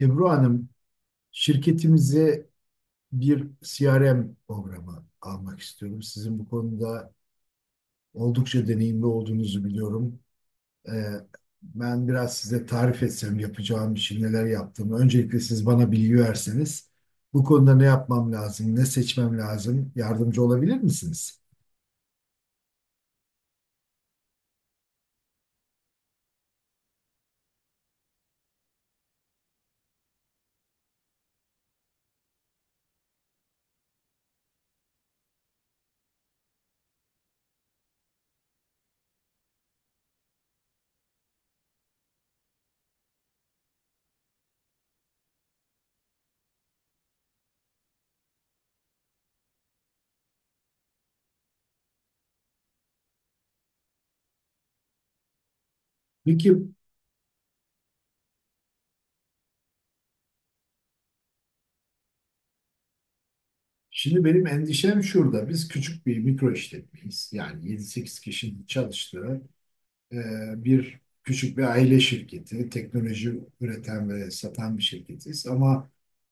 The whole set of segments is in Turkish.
Ebru Hanım, şirketimize bir CRM programı almak istiyorum. Sizin bu konuda oldukça deneyimli olduğunuzu biliyorum. Ee, ben biraz size tarif etsem yapacağım işi, neler yaptığımı. Öncelikle siz bana bilgi verseniz, bu konuda ne yapmam lazım, ne seçmem lazım, yardımcı olabilir misiniz? Peki, şimdi benim endişem şurada. Biz küçük bir mikro işletmeyiz. Yani yedi sekiz kişinin çalıştığı e, bir küçük bir aile şirketi, teknoloji üreten ve satan bir şirketiz. Ama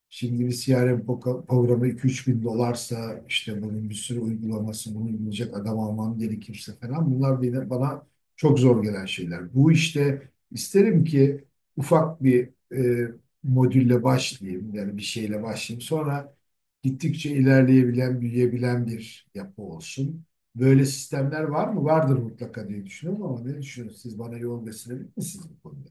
şimdi bir CRM programı 2-3 bin dolarsa işte bunun bir sürü uygulaması, bunu uygulayacak adam almam gerekirse falan bunlar bile bana çok zor gelen şeyler. Bu işte isterim ki ufak bir modülle başlayayım yani bir şeyle başlayayım. Sonra gittikçe ilerleyebilen, büyüyebilen bir yapı olsun. Böyle sistemler var mı? Vardır mutlaka diye düşünüyorum ama ne düşünüyorsunuz? Siz bana yol gösterebilir misiniz bu konuda?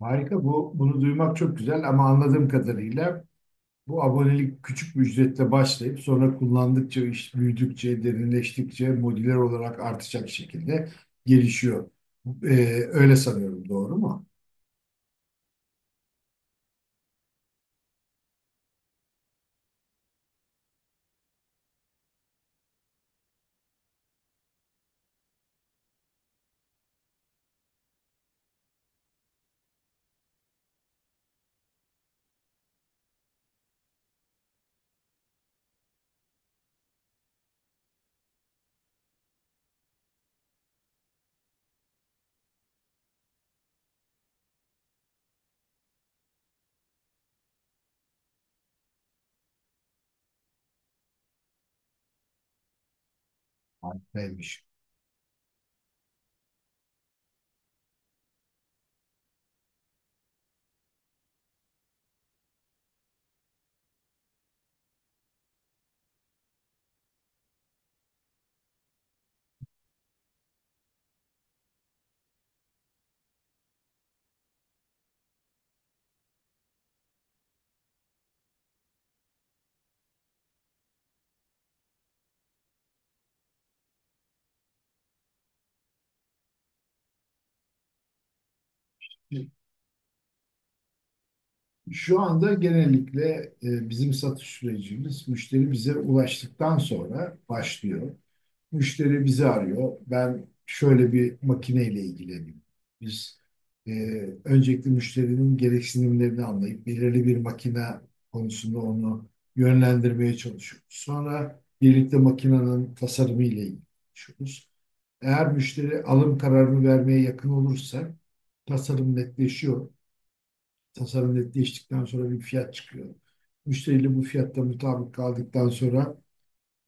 Harika bu. Bunu duymak çok güzel ama anladığım kadarıyla bu abonelik küçük bir ücretle başlayıp sonra kullandıkça, iş büyüdükçe, derinleştikçe modüler olarak artacak şekilde gelişiyor. Ee, öyle sanıyorum. Doğru mu? Harikaymış. Şu anda genellikle bizim satış sürecimiz müşteri bize ulaştıktan sonra başlıyor. Müşteri bizi arıyor. Ben şöyle bir makineyle ilgileniyorum. Biz e, öncelikle müşterinin gereksinimlerini anlayıp belirli bir makine konusunda onu yönlendirmeye çalışıyoruz. Sonra birlikte makinenin tasarımı ile ilgileniyoruz. Eğer müşteri alım kararını vermeye yakın olursa tasarım netleşiyor. Tasarım netleştikten sonra bir fiyat çıkıyor. Müşteriyle bu fiyatta mutabık kaldıktan sonra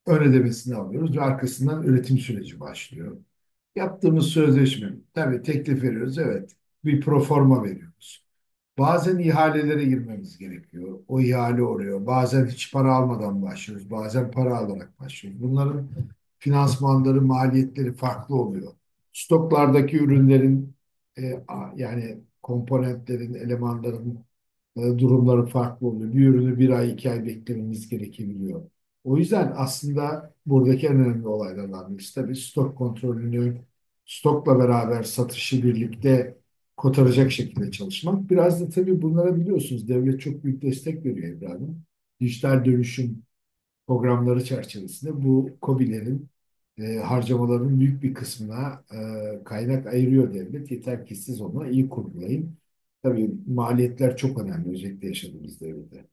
ön ödemesini alıyoruz ve arkasından üretim süreci başlıyor. Yaptığımız sözleşme, tabii teklif veriyoruz, evet. Bir proforma veriyoruz. Bazen ihalelere girmemiz gerekiyor. O ihale oluyor. Bazen hiç para almadan başlıyoruz. Bazen para alarak başlıyoruz. Bunların finansmanları, maliyetleri farklı oluyor. Stoklardaki ürünlerin e, yani komponentlerin, elemanların durumları farklı oluyor. Bir ürünü bir ay, 2 ay beklememiz gerekebiliyor. O yüzden aslında buradaki en önemli olaylardan birisi tabii stok kontrolünü, stokla beraber satışı birlikte kotaracak şekilde çalışmak. Biraz da tabii bunlara biliyorsunuz devlet çok büyük destek veriyor evladım. Dijital dönüşüm programları çerçevesinde bu KOBİ'lerin harcamaların büyük bir kısmına kaynak ayırıyor devlet. Yeter ki siz onu iyi kurgulayın. Tabii maliyetler çok önemli özellikle yaşadığımız devirde.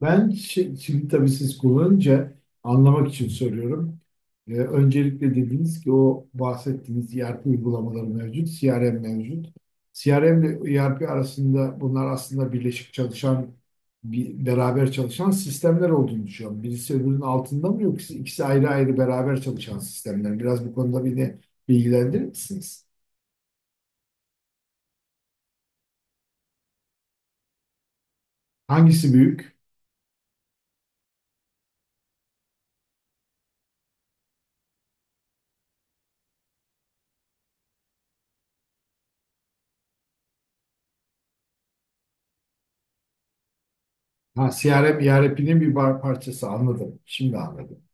Ben şimdi tabii siz kullanınca anlamak için soruyorum. Öncelikle dediniz ki o bahsettiğiniz ERP uygulamaları mevcut, CRM mevcut. CRM ile ERP arasında bunlar aslında birleşik çalışan, beraber çalışan sistemler olduğunu düşünüyorum. Birisi öbürünün altında mı yoksa ikisi ayrı ayrı beraber çalışan sistemler? Biraz bu konuda beni bilgilendirir misiniz? Hangisi büyük? Ha, CRM ERP'nin bir parçası anladım. Şimdi anladım.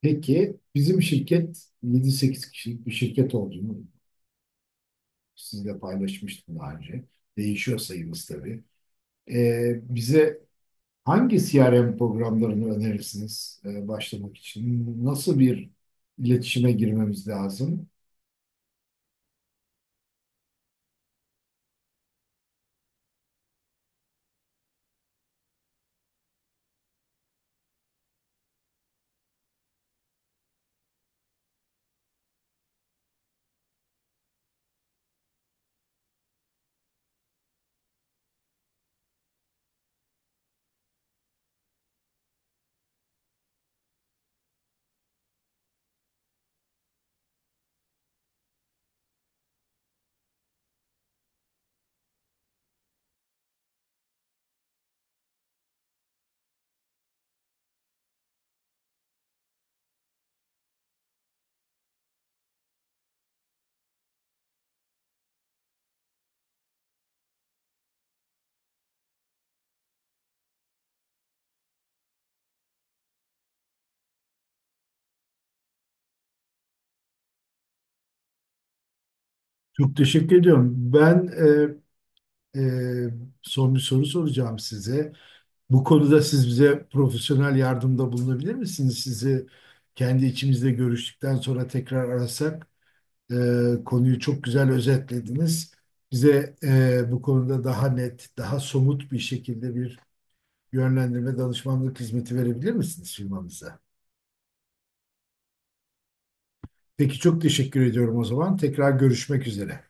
Peki bizim şirket yedi sekiz kişilik bir şirket olduğunu sizinle paylaşmıştım daha önce. Değişiyor sayımız tabii. Bize hangi CRM programlarını önerirsiniz başlamak için? Nasıl bir iletişime girmemiz lazım? Çok teşekkür ediyorum. Ben e, e, son bir soru soracağım size. Bu konuda siz bize profesyonel yardımda bulunabilir misiniz? Sizi kendi içimizde görüştükten sonra tekrar arasak. E, konuyu çok güzel özetlediniz. Bize bu konuda daha net, daha somut bir şekilde bir yönlendirme, danışmanlık hizmeti verebilir misiniz firmanıza? Peki çok teşekkür ediyorum o zaman. Tekrar görüşmek üzere.